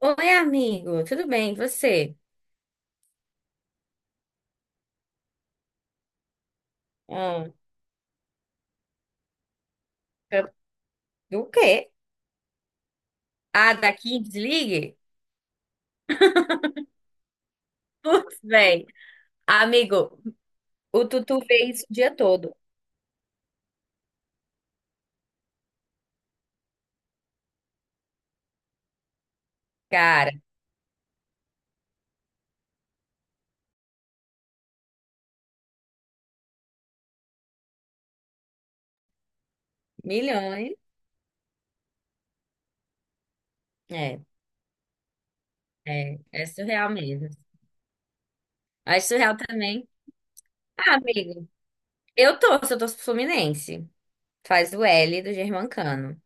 Oi, amigo, tudo bem? E você? Hum, eu- do quê? Ah, daqui, desligue? Putz, bem. Amigo, o Tutu vê isso o dia todo. Cara, milhões. É, é, é surreal mesmo. Mas surreal também. Ah, amigo, eu torço pro Fluminense. Faz o L do Germancano.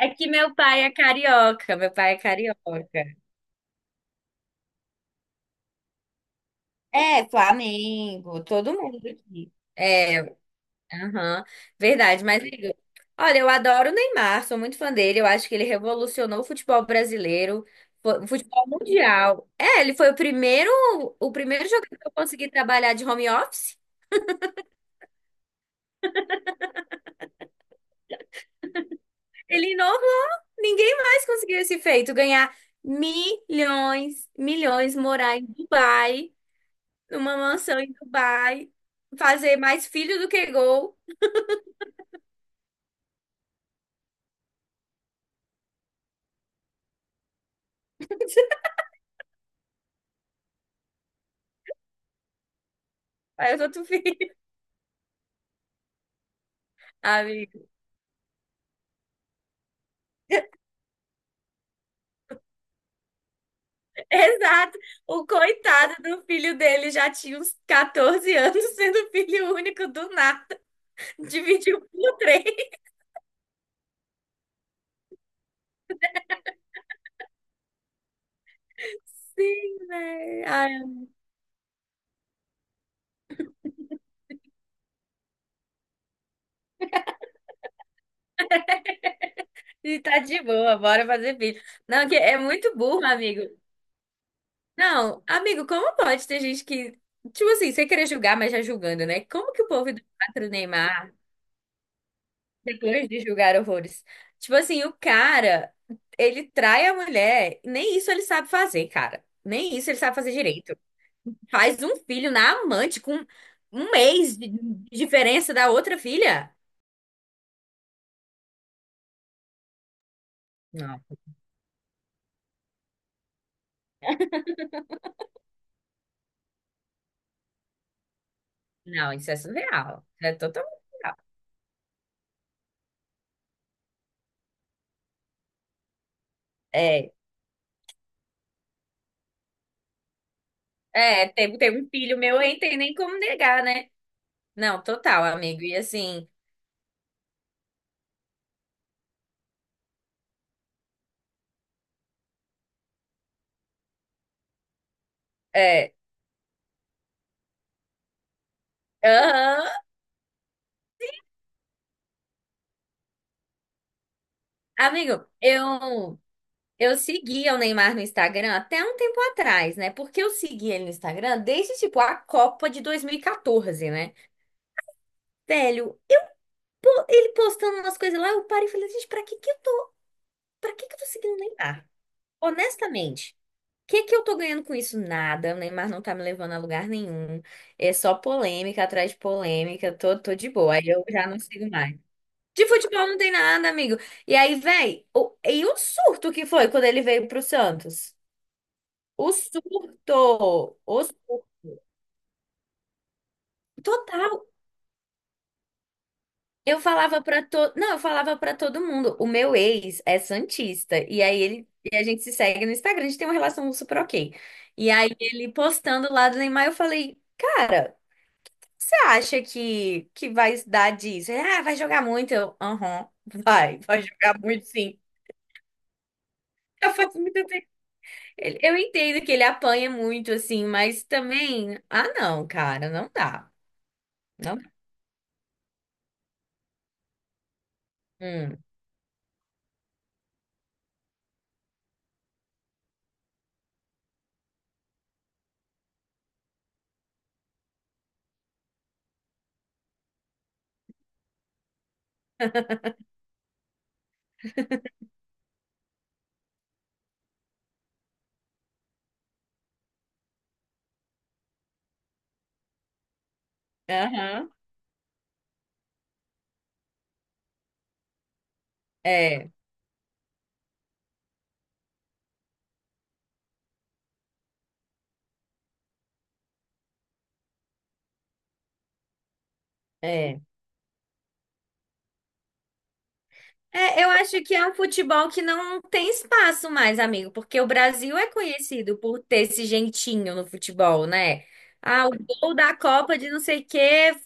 É que meu pai é carioca, meu pai é carioca. É, Flamengo, todo mundo aqui. É, Aham, verdade, mas Igor, olha, eu adoro o Neymar, sou muito fã dele, eu acho que ele revolucionou o futebol brasileiro, o futebol mundial. É, ele foi o primeiro jogador que eu consegui trabalhar de home office. Ele inovou, ninguém mais conseguiu esse feito, ganhar milhões, milhões, morar em Dubai, numa mansão em Dubai, fazer mais filho do que gol. Aí eu tô tu filho, Exato. O coitado do filho dele já tinha uns 14 anos, sendo filho único do nada. Dividiu por três. Sim, velho. Ai, e tá de boa, bora fazer filho. Não, que é muito burro, amigo. Não, amigo, como pode ter gente que. Tipo assim, sem querer julgar, mas já julgando, né? Como que o povo idolatra o Neymar depois de julgar horrores? Tipo assim, o cara, ele trai a mulher, nem isso ele sabe fazer, cara. Nem isso ele sabe fazer direito. Faz um filho na amante com um mês de diferença da outra filha. Não, não, isso é surreal. Isso é totalmente surreal. É, é, teve um filho meu aí, tem nem como negar, né? Não, total, amigo. E assim, é, aham. Amigo, eu seguia o Neymar no Instagram até um tempo atrás, né? Porque eu seguia ele no Instagram desde, tipo, a Copa de 2014, né? Velho, ele postando umas coisas lá, eu parei e falei, gente, pra que que eu tô seguindo o Neymar? Honestamente, o que que eu tô ganhando com isso? Nada. O Neymar não tá me levando a lugar nenhum. É só polêmica atrás de polêmica. Tô de boa. Aí eu já não sigo mais. De futebol não tem nada, amigo. E aí, véi, e o surto que foi quando ele veio pro Santos? O surto! O surto total. Eu falava pra todo, não, eu falava pra todo mundo. O meu ex é santista e aí ele e a gente se segue no Instagram, a gente tem uma relação super ok. E aí ele postando lá do Neymar, eu falei: "Cara, você acha que vai dar disso?" Ele, ah, vai jogar muito. Eu, aham, vai jogar muito sim. Eu faço muito tempo. Eu entendo que ele apanha muito assim, mas também, ah, não, cara, não dá. Não. Hum. Aham. É, é. É, eu acho que é um futebol que não tem espaço mais, amigo, porque o Brasil é conhecido por ter esse jeitinho no futebol, né? Ah, o gol da Copa de não sei o quê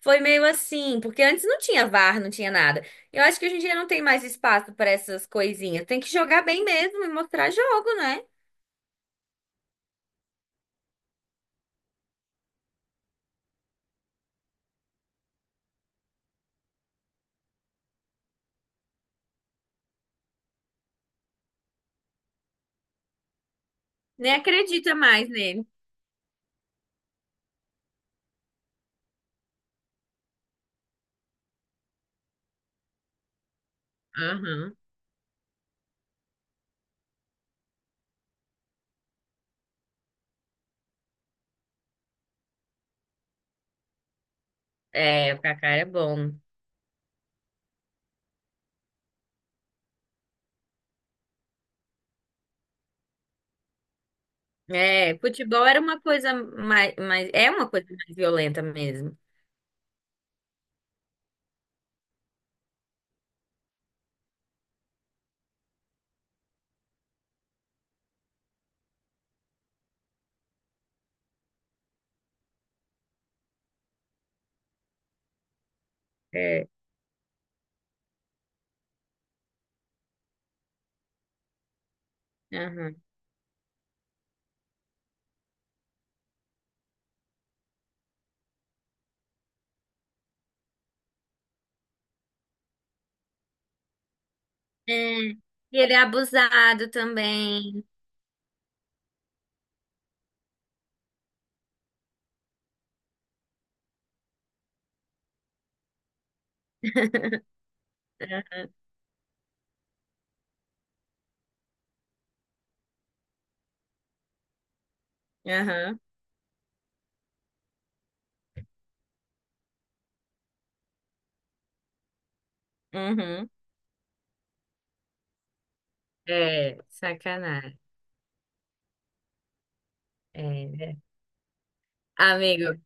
foi meio assim, porque antes não tinha VAR, não tinha nada. Eu acho que hoje em dia não tem mais espaço para essas coisinhas. Tem que jogar bem mesmo e mostrar jogo, né? Nem acredita mais nele. Aham. É, o Kaká é bom. É, futebol era uma coisa mais, mais, é uma coisa mais violenta mesmo. É. Aham. É, e ele é abusado também. Aham, uhum. É, sacanagem. É, né? Amigo,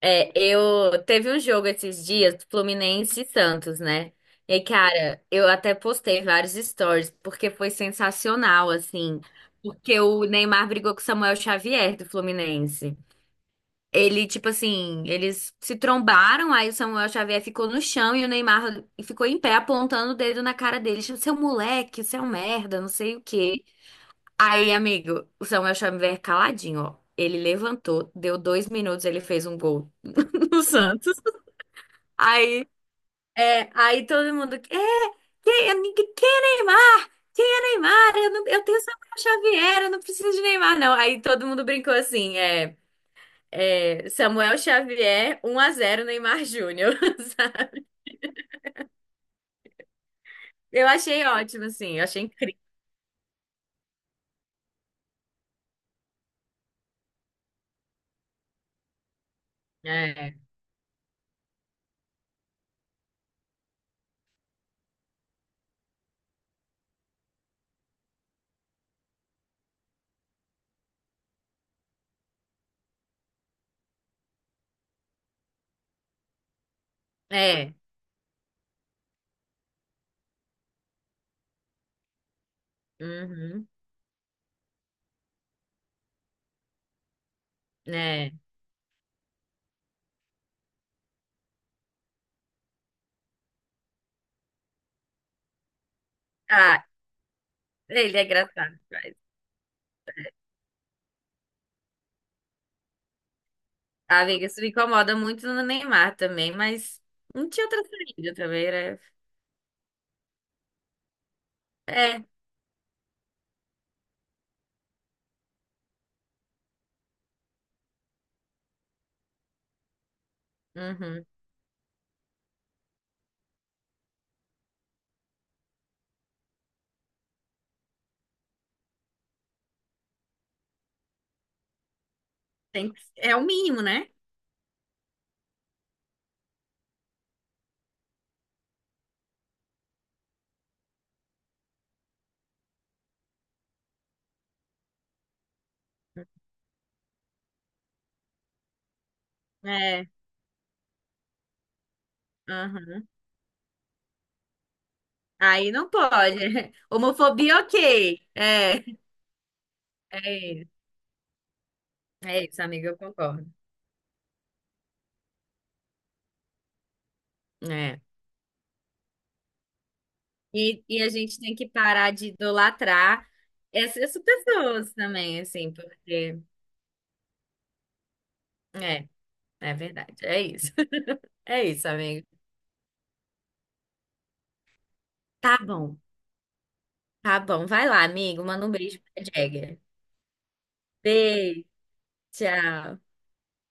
é, eu teve um jogo esses dias, Fluminense e Santos, né? E, cara, eu até postei vários stories, porque foi sensacional, assim. Porque o Neymar brigou com o Samuel Xavier do Fluminense. Ele, tipo assim, eles se trombaram, aí o Samuel Xavier ficou no chão e o Neymar ficou em pé apontando o dedo na cara dele, tipo, seu moleque, seu merda, não sei o quê. Aí, amigo, o Samuel Xavier caladinho, ó. Ele levantou, deu 2 minutos, ele fez um gol no Santos. Aí, é, aí todo mundo, é, quem, é quem é Neymar? Quem é Neymar? Eu, não, eu tenho Samuel Xavier, eu não preciso de Neymar, não. Aí todo mundo brincou assim, é. É, Samuel Xavier, 1-0 Neymar Júnior. Sabe? Eu achei ótimo, assim, eu achei incrível. É, é, uhum, é. Ah, ele é engraçado. Ah, amiga, isso me incomoda muito no Neymar também, mas não tinha outra saída também, era... É, uhum. É o mínimo, né? É, uhum. Aí não pode. Homofobia, ok. É, é isso, é isso, amiga, eu concordo. É. E a gente tem que parar de idolatrar essas pessoas também, assim, porque. É, é verdade. É isso. É isso, amigo. Tá bom, tá bom. Vai lá, amigo. Manda um beijo pra Jagger. Beijo, tchau.